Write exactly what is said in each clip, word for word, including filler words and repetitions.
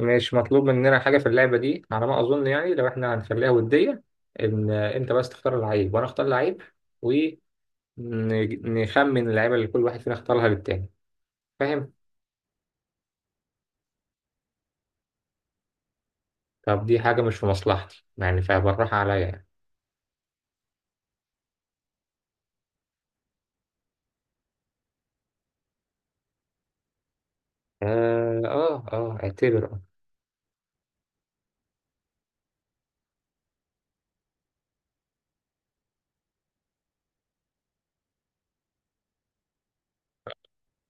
مش مطلوب مننا حاجة في اللعبة دي على ما أظن، يعني لو إحنا هنخليها ودية، إن أنت بس تختار اللعيب وأنا أختار لعيب ونخمن اللعيبة اللي كل واحد فينا اختارها للتاني. فاهم؟ طب دي حاجة مش في مصلحتي يعني، فبالراحة عليا يعني. آه آه آه اعتبر آه.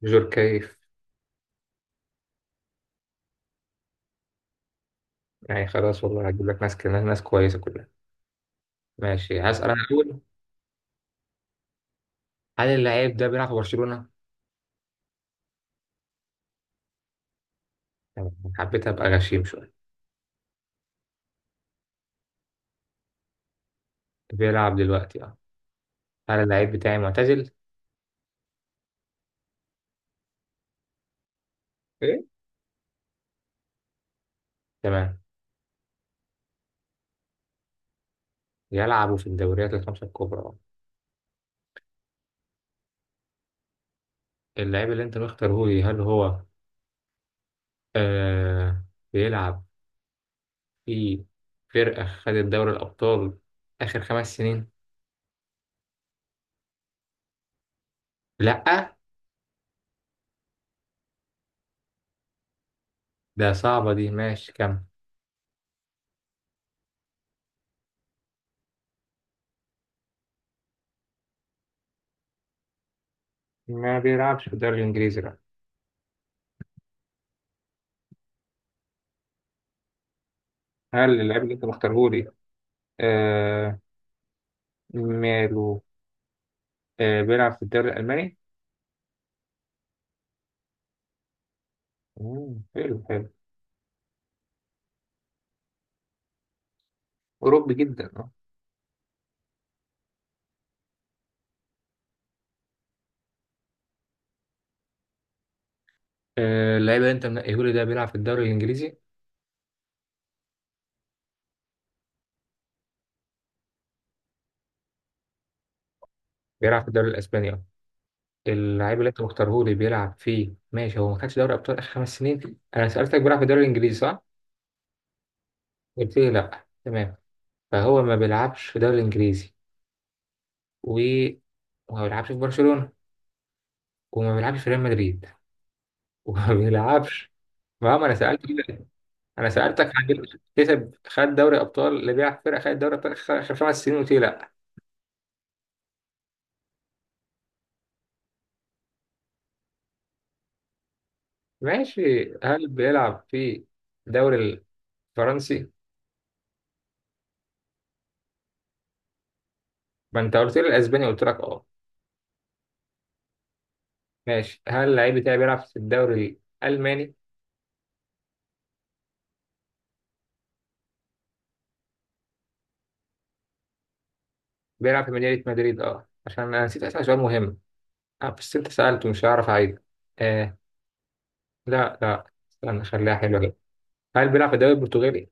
جور كيف؟ يعني خلاص والله هجيب لك ناس كده، ناس كويسة كلها. ماشي، هسأل أنا الأول. هل اللعيب ده بيلعب في برشلونة؟ تمام، حبيت أبقى غشيم شوية. بيلعب دلوقتي آه. هل اللعيب بتاعي معتزل؟ ايه، تمام. يلعبوا في الدوريات الخمسة الكبرى. اللاعب اللي انت مختاره لي، هل هو آه بيلعب في فرقة خدت دوري الأبطال آخر خمس سنين؟ لأ. ده صعبة دي، ماشي كم. ما بيلعبش في الدوري الإنجليزي لا. هل اللاعب اللي انت مختاره لي آه ماله آه بيلعب في الدوري الألماني؟ مم، حلو حلو. أوروبي جدا اه. آه، اللاعب اللي انت منقيه لي ده بيلعب في الدوري الإنجليزي؟ بيلعب في الدوري الإسباني اه. اللعيب اللي انت مختاره لي بيلعب فيه، ماشي. هو ما خدش دوري ابطال اخر خمس سنين، انا سالتك بيلعب في الدوري الانجليزي صح؟ قلت لي لا، تمام. فهو ما بيلعبش في الدوري الانجليزي و وما بيلعبش في برشلونه، وما بيلعبش في ريال مدريد، وما بيلعبش. ما ما انا سالتك. انا سالتك عن جد- كسب خد دوري ابطال، اللي بيلعب في فرقه خد دوري ابطال اخر آخر خمس سنين، قلت لي لا. ماشي، هل بيلعب في الدوري الفرنسي؟ ما انت قلت لي الاسباني، قلت لك اه. ماشي، هل اللعيب بتاعي بيلعب في الدوري الالماني؟ بيلعب في مدينة مدريد اه، عشان انا نسيت اسأل سؤال مهم. اه بس انت سألته، مش هعرف اعيد. آه لا، لا استنى، خليها حلوة كده. هل بيلعب في الدوري البرتغالي؟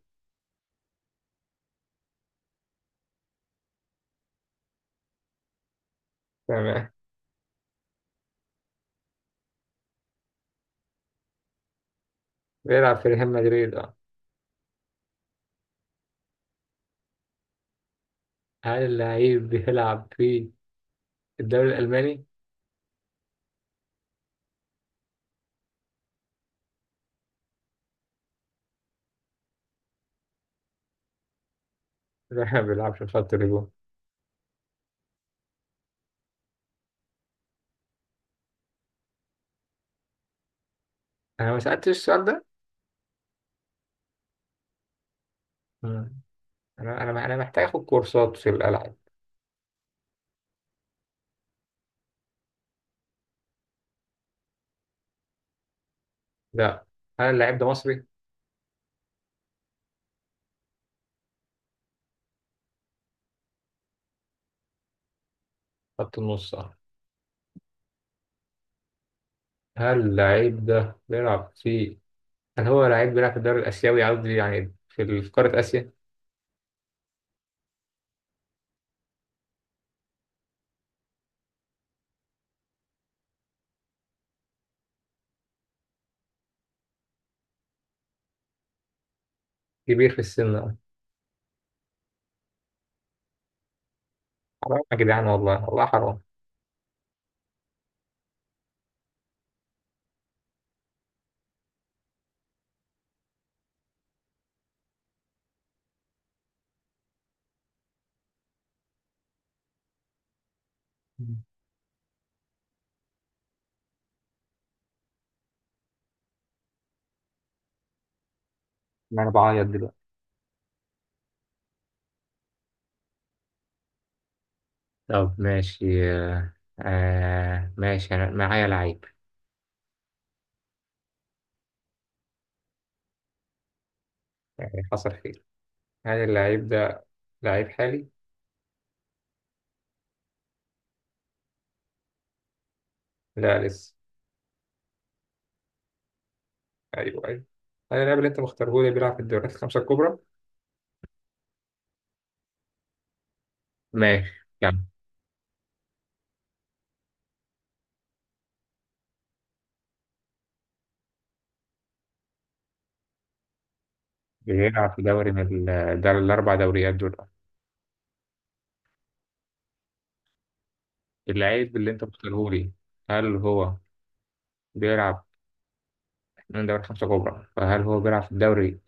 تمام. بيلعب في ريال مدريد اه. هل اللعيب بيلعب في الدوري الألماني؟ لا ما بيلعبش في خط الهجوم. انا ما سألتش السؤال ده. مم. انا انا انا محتاج اخد كورسات في الألعاب. لا. هل اللعيب ده مصري؟ خط النص اه. هل اللعيب ده بيلعب في هل هو لعيب بيلعب في الدوري الآسيوي، قصدي يعني في في قارة آسيا؟ كبير في السن آه. حرام يا جدعان، والله والله حرام. ما انا بعيط دلوقتي. طب ماشي آه. آه، ماشي أنا معايا لعيب. يعني حصل خير. هل اللعيب ده لعيب حالي؟ لا لسه. ايوه ايوه. هل اللاعب اللي انت مختاره لي بيلعب في الدوريات الخمسة الكبرى؟ ماشي كمل. بيلعب في دوري من ال- ده الأربع دوريات دول. اللعيب اللي أنت مختاره لي، هل هو بيلعب من دوري خمسة كبرى، فهل هو بيلعب في الدوري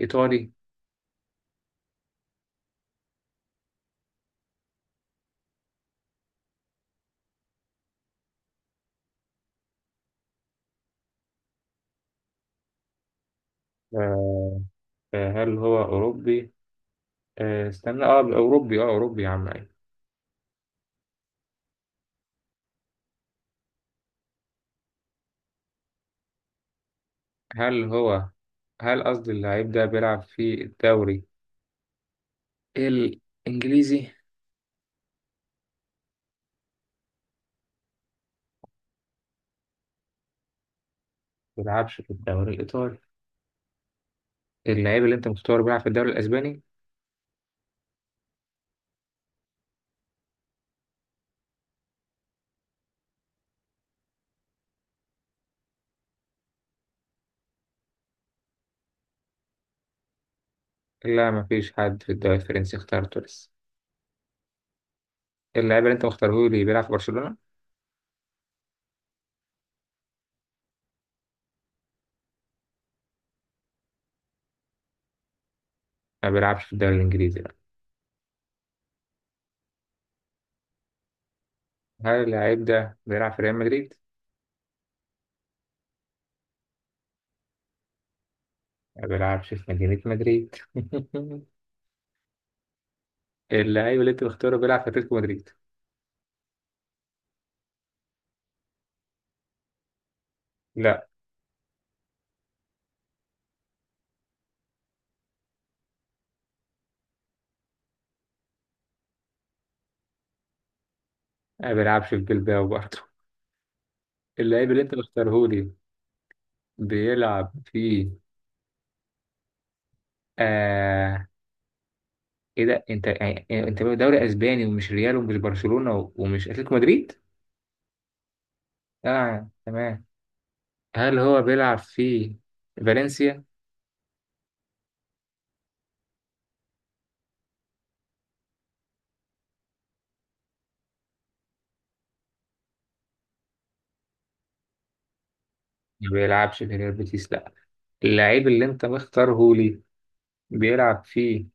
الإيطالي؟ آه، آه، هل هو أوروبي؟ آه، استنى اه، أوروبي اه، أوروبي يا عم أيوة. هل هو هل قصدي اللعيب ده بيلعب في الدوري الإنجليزي؟ ما بيلعبش في الدوري الإيطالي. اللعيب اللي أنت مختاره بيلعب في الدوري الأسباني؟ لا، مفيش حد في الدوري الفرنسي اخترته لسه. اللعيب اللي أنت مختاره لي بيلعب في برشلونة؟ ما بيلعبش في الدوري الإنجليزي لا. هل اللعيب ده بيلعب في ريال مدريد؟ ما بيلعبش في مدينة مدريد اللعيب اللي أنت مختاره بيلعب في أتلتيكو مدريد؟ لا، ما بيلعبش في بلباو برضه اللعيب اللي أنت مختاره بيلعب في آه ايه ده، انت يعني انت دوري اسباني ومش ريال ومش برشلونة ومش اتلتيكو مدريد؟ اه تمام. هل هو بيلعب في فالنسيا؟ ما بيلعبش في ريال بيتيس لا. اللعيب اللي انت مختاره لي بيلعب في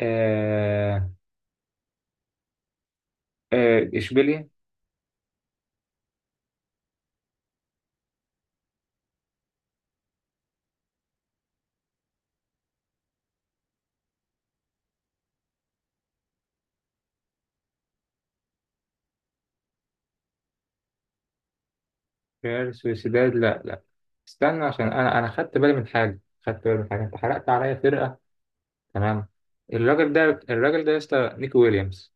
آه آه اشبيليا؟ ريال سوسيداد لا لا، استنى عشان انا انا خدت بالي من حاجه، خدت بالي من حاجه، انت حرقت عليا فرقه. تمام. الراجل ده الراجل ده يا اسطى نيكي ويليامز.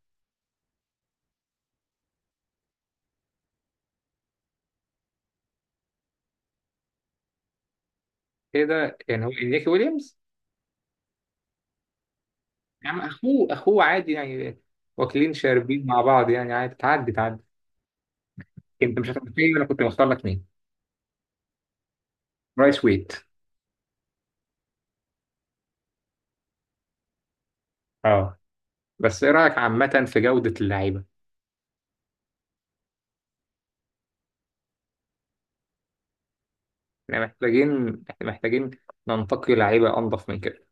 ايه ده، يعني هو نيكي ويليامز؟ يا عم اخوه اخوه عادي يعني، واكلين شاربين مع بعض يعني عادي، تعدي تعدي. انت مش هتعرف مين انا كنت مختار لك مين. رايس ويت. اه بس ايه رايك عامه في جوده اللعيبه؟ احنا محتاجين احنا محتاجين ننتقي لعيبه انضف من كده.